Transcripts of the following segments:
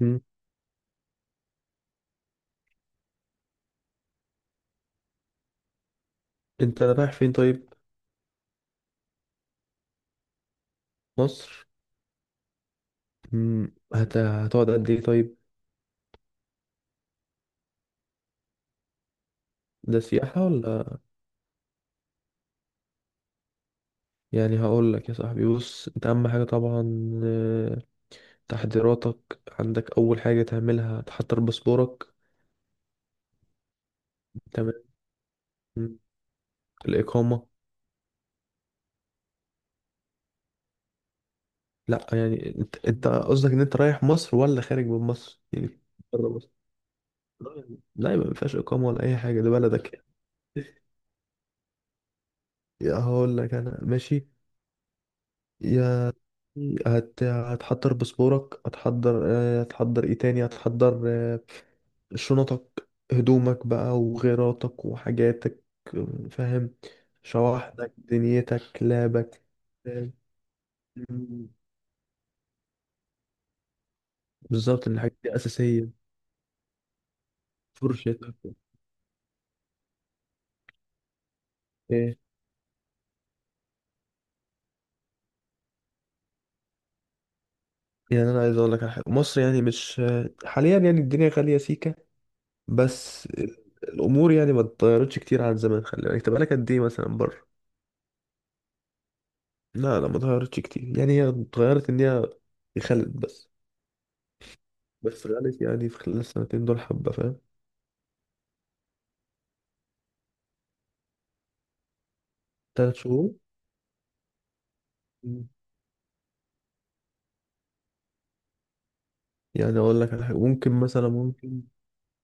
مم. انت رايح فين طيب؟ مصر. مم. هتقعد قد ايه طيب؟ ده سياحة ولا؟ يعني هقول لك يا صاحبي، بص، انت اهم حاجة طبعا. آه، تحضيراتك عندك. اول حاجة تعملها تحضر باسبورك. تمام. مم. الإقامة. لا يعني- انت قصدك ان انت رايح مصر ولا خارج من مصر يعني؟ بره مصر؟ لا، يبقى ما فيهاش إقامة ولا اي حاجة، ده بلدك. يا هقول لك انا ماشي، يا هتحضر باسبورك، هتحضر آه، هتحضر ايه تاني؟ هتحضر آه، شنطك هدومك بقى وغيراتك وحاجاتك. آه، فاهم. شواحنك دنيتك لابك. فاهم؟ مم. بالظبط، إن الحاجات دي أساسية. فرشتك ايه؟ يعني أنا عايز أقول لك على حاجة. مصر يعني مش آه، حاليا يعني الدنيا غالية سيكة. بس ال- الأمور يعني ما اتغيرتش كتير عن زمان. خلي بالك، انت بقالك قد ايه مثلا بره؟ لا لا، ما اتغيرتش كتير. يعني هي اتغيرت ان هي خلت بس. بس غلت يعني، في خلال السنتين دول حبة. فاهم؟ تلات شهور. مم. يعني اقول لك على حاجة، ممكن مثلا ممكن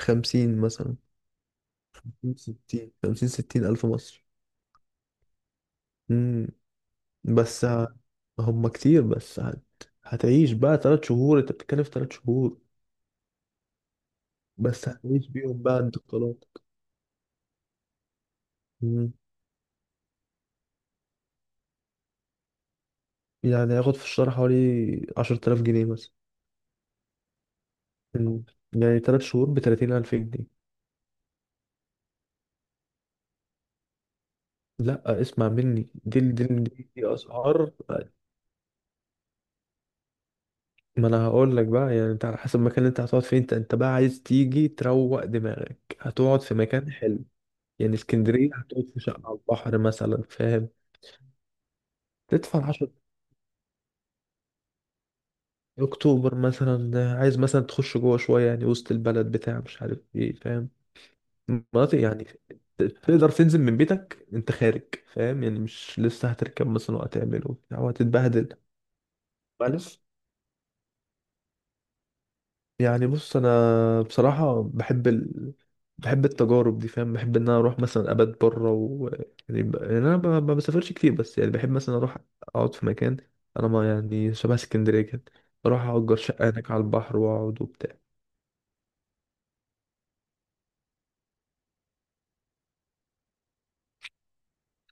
خمسين مثلا. خمسين ستين، خمسين ستين ألف مصري. مم. بس ه- هم كتير. بس هتعيش بقى تلات شهور. انت بتتكلم في تلات شهور. بس هتعيش بيهم بقى انتقالات. مم. يعني هياخد في الشهر حوالي عشرة آلاف جنيه مثلا. مم. يعني تلات شهور بتلاتين ألف جنيه. لا اسمع مني، دي اسعار. ما انا هقول لك بقى، يعني انت على حسب المكان اللي انت هتقعد فيه. انت بقى عايز تيجي تروق دماغك، هتقعد في مكان حلو. يعني اسكندريه، هتقعد في شقه على البحر مثلا. فاهم؟ تدفع 10. اكتوبر مثلا. عايز مثلا تخش جوه شويه، يعني وسط البلد بتاع مش عارف ايه. فاهم؟ مناطق يعني. تقدر تنزل من بيتك انت خارج. فاهم يعني؟ مش لسه هتركب مثلا وهتعمل وبتاع وهتتبهدل. معلش. يعني بص، انا بصراحه بحب بحب التجارب دي. فاهم؟ بحب ان انا اروح مثلا ابات بره و... يعني، يعني انا ما بسافرش كتير، بس يعني بحب مثلا اروح اقعد في مكان انا ما يعني شبه اسكندريه كده. اروح اجر شقه هناك على البحر واقعد وبتاع.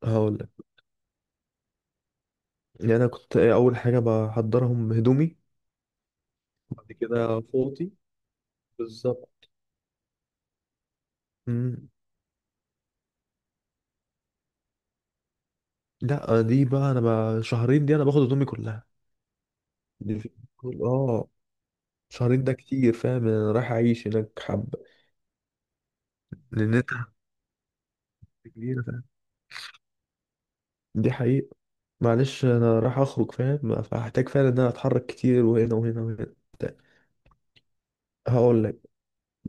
هقول لك. يعني انا كنت إيه؟ اول حاجه بحضرهم هدومي. بعد كده فوطي. بالظبط. مم. لا دي بقى، انا بقى شهرين دي انا باخد هدومي كلها. دي في... اه، شهرين ده كتير. فاهم؟ يعني انا رايح اعيش هناك حبه. لان انت، كبيرة فعلا. دي حقيقة. معلش، انا راح اخرج. فاهم؟ فهحتاج فعلا ان انا اتحرك كتير وهنا وهنا وهنا بتاع. هقول لك.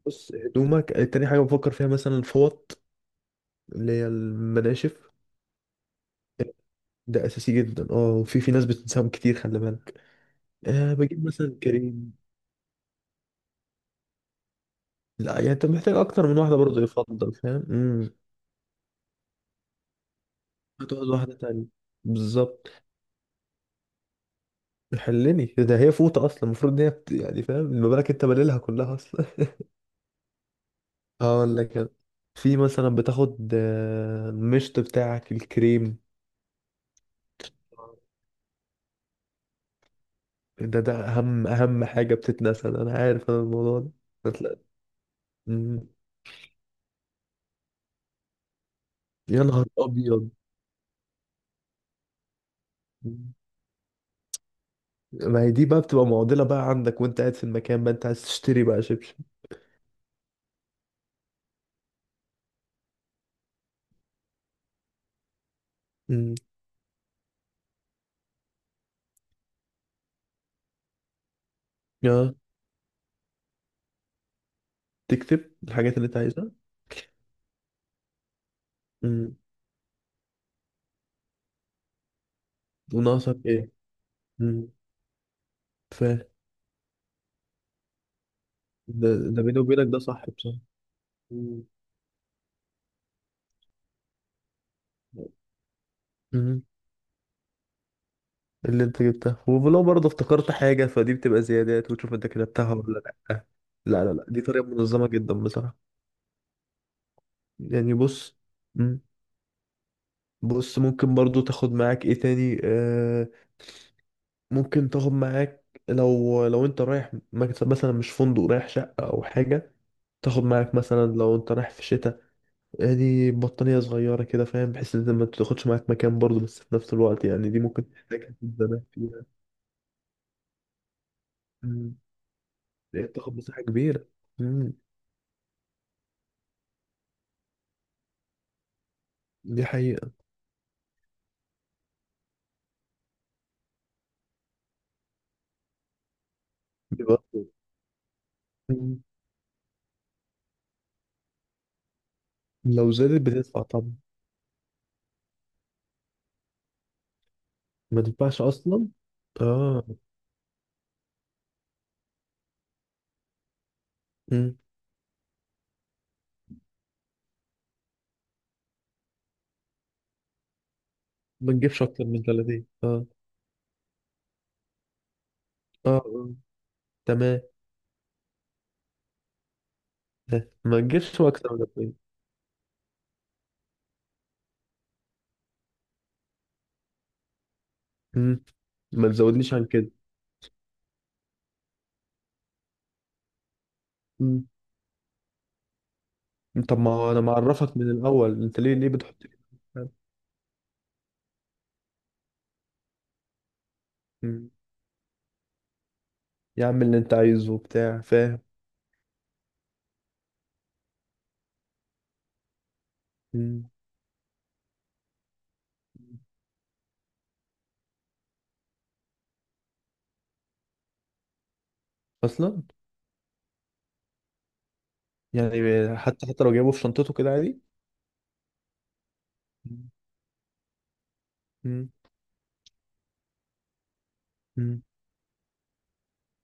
بص هدومك. تاني حاجة بفكر فيها مثلا الفوط، اللي هي المناشف. ده اساسي جدا. اه، وفي ناس بتنساهم كتير. خلي بالك. أه، بجيب مثلا كريم. لا يعني انت محتاج اكتر من واحدة برضه يفضل. فاهم؟ هتقعد واحدة تانية. بالظبط. حلني ده، هي فوطة اصلا المفروض ان هي يعني. فاهم؟ المبالغ انت باللها كلها. هقول لك أنا. في مثلا بتاخد آه، المشط بتاعك، الكريم. ده اهم حاجه بتتنسى. ده انا عارف انا الموضوع ده. هتلاقي- مم. يا نهار ابيض. مم. ما هي دي بقى بتبقى معضله بقى، عندك وانت قاعد في المكان بقى انت عايز تشتري بقى شبشب. مم. اه، تكتب الحاجات اللي انت عايزها. مم. وناقصك ايه. مم. ف ده ده بيني وبينك ده صح بصراحه. مم. مم. اللي انت جبتها، ولو برضه افتكرت حاجة فدي بتبقى زيادات، وتشوف انت كتبتها ولا لأ. لا لا لا، دي طريقة منظمة جدا بصراحة. يعني بص. مم. بص ممكن برضه تاخد معاك ايه تاني؟ آه، ممكن تاخد معاك، لو انت رايح مكتب مثلا مش فندق، رايح شقة او حاجة، تاخد معاك مثلا لو انت رايح في شتاء، يعني بطانية صغيرة كده. فاهم؟ بحيث ان انت ما تاخدش معاك مكان برضه، بس في نفس الوقت يعني دي ممكن تحتاجها في الزمان فيها. مم. لأن بتاخد مساحة كبيرة. مم. دي حقيقة. برضه. مم. لو زادت بتدفع طبعا. ما تدفعش اصلا. اه. مم. ما تجيبش اكتر من 30. اه. اه آه. تمام. آه. ما تجيبش اكتر من 30. مم. ما تزودنيش عن كده. مم. طب ما هو انا معرفك من الاول، انت ليه بتحط لي كده؟ مم. يا عم اللي انت عايزه وبتاع. فاهم؟ مم. اصلا يعني حتى لو جايبه في شنطته كده عادي. مم. مم. مم.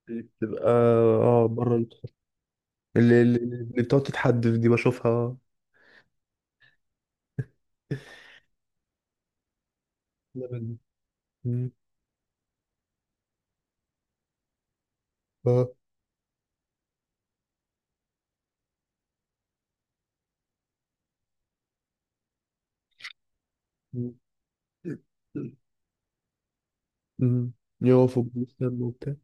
بتبقى اه بره. اللي بتقعد تتحدف دي بشوفها. لبن. مم. اه. مم. مم. يقفوا بيستنوا وبتاع.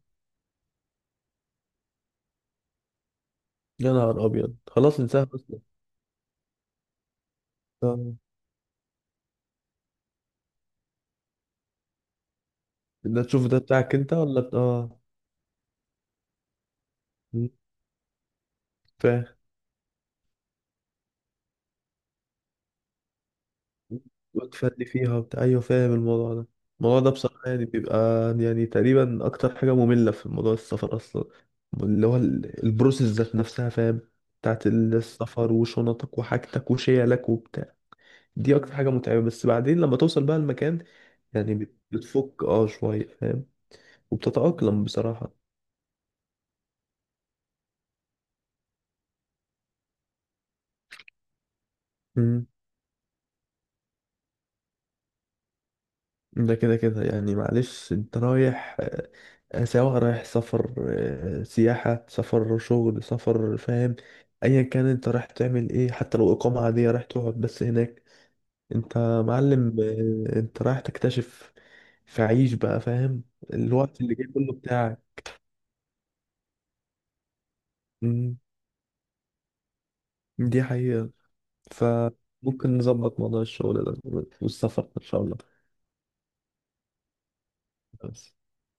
يا نهار أبيض، خلاص انساها أصلا. اه. ده تشوف، ده بتاعك أنت ولا بتاع؟ اه. مم. فاهم. وتفني فيها وبتاع، أيوه فاهم الموضوع ده. الموضوع ده بصراحة يعني بيبقى، يعني تقريبا أكتر حاجة مملة في موضوع السفر أصلا، اللي هو البروسيس ذات نفسها. فاهم؟ بتاعت السفر وشنطك وحاجتك وشيلك وبتاع. دي اكتر حاجه متعبه، بس بعدين لما توصل بقى المكان يعني بتفك اه شويه. فاهم؟ وبتتاقلم بصراحه. امم ده كده كده يعني. معلش، انت رايح آه، آه، سواء رايح سفر، آه، سياحه سفر شغل سفر. فاهم؟ ايا كان انت رايح تعمل ايه، حتى لو اقامه عاديه رايح تقعد بس هناك، انت معلم. آه، انت رايح تكتشف. فعيش بقى. فاهم؟ الوقت اللي جاي كله بتاعك. امم دي حقيقه. فممكن نظبط موضوع الشغل ده، والسفر إن شاء الله. بس.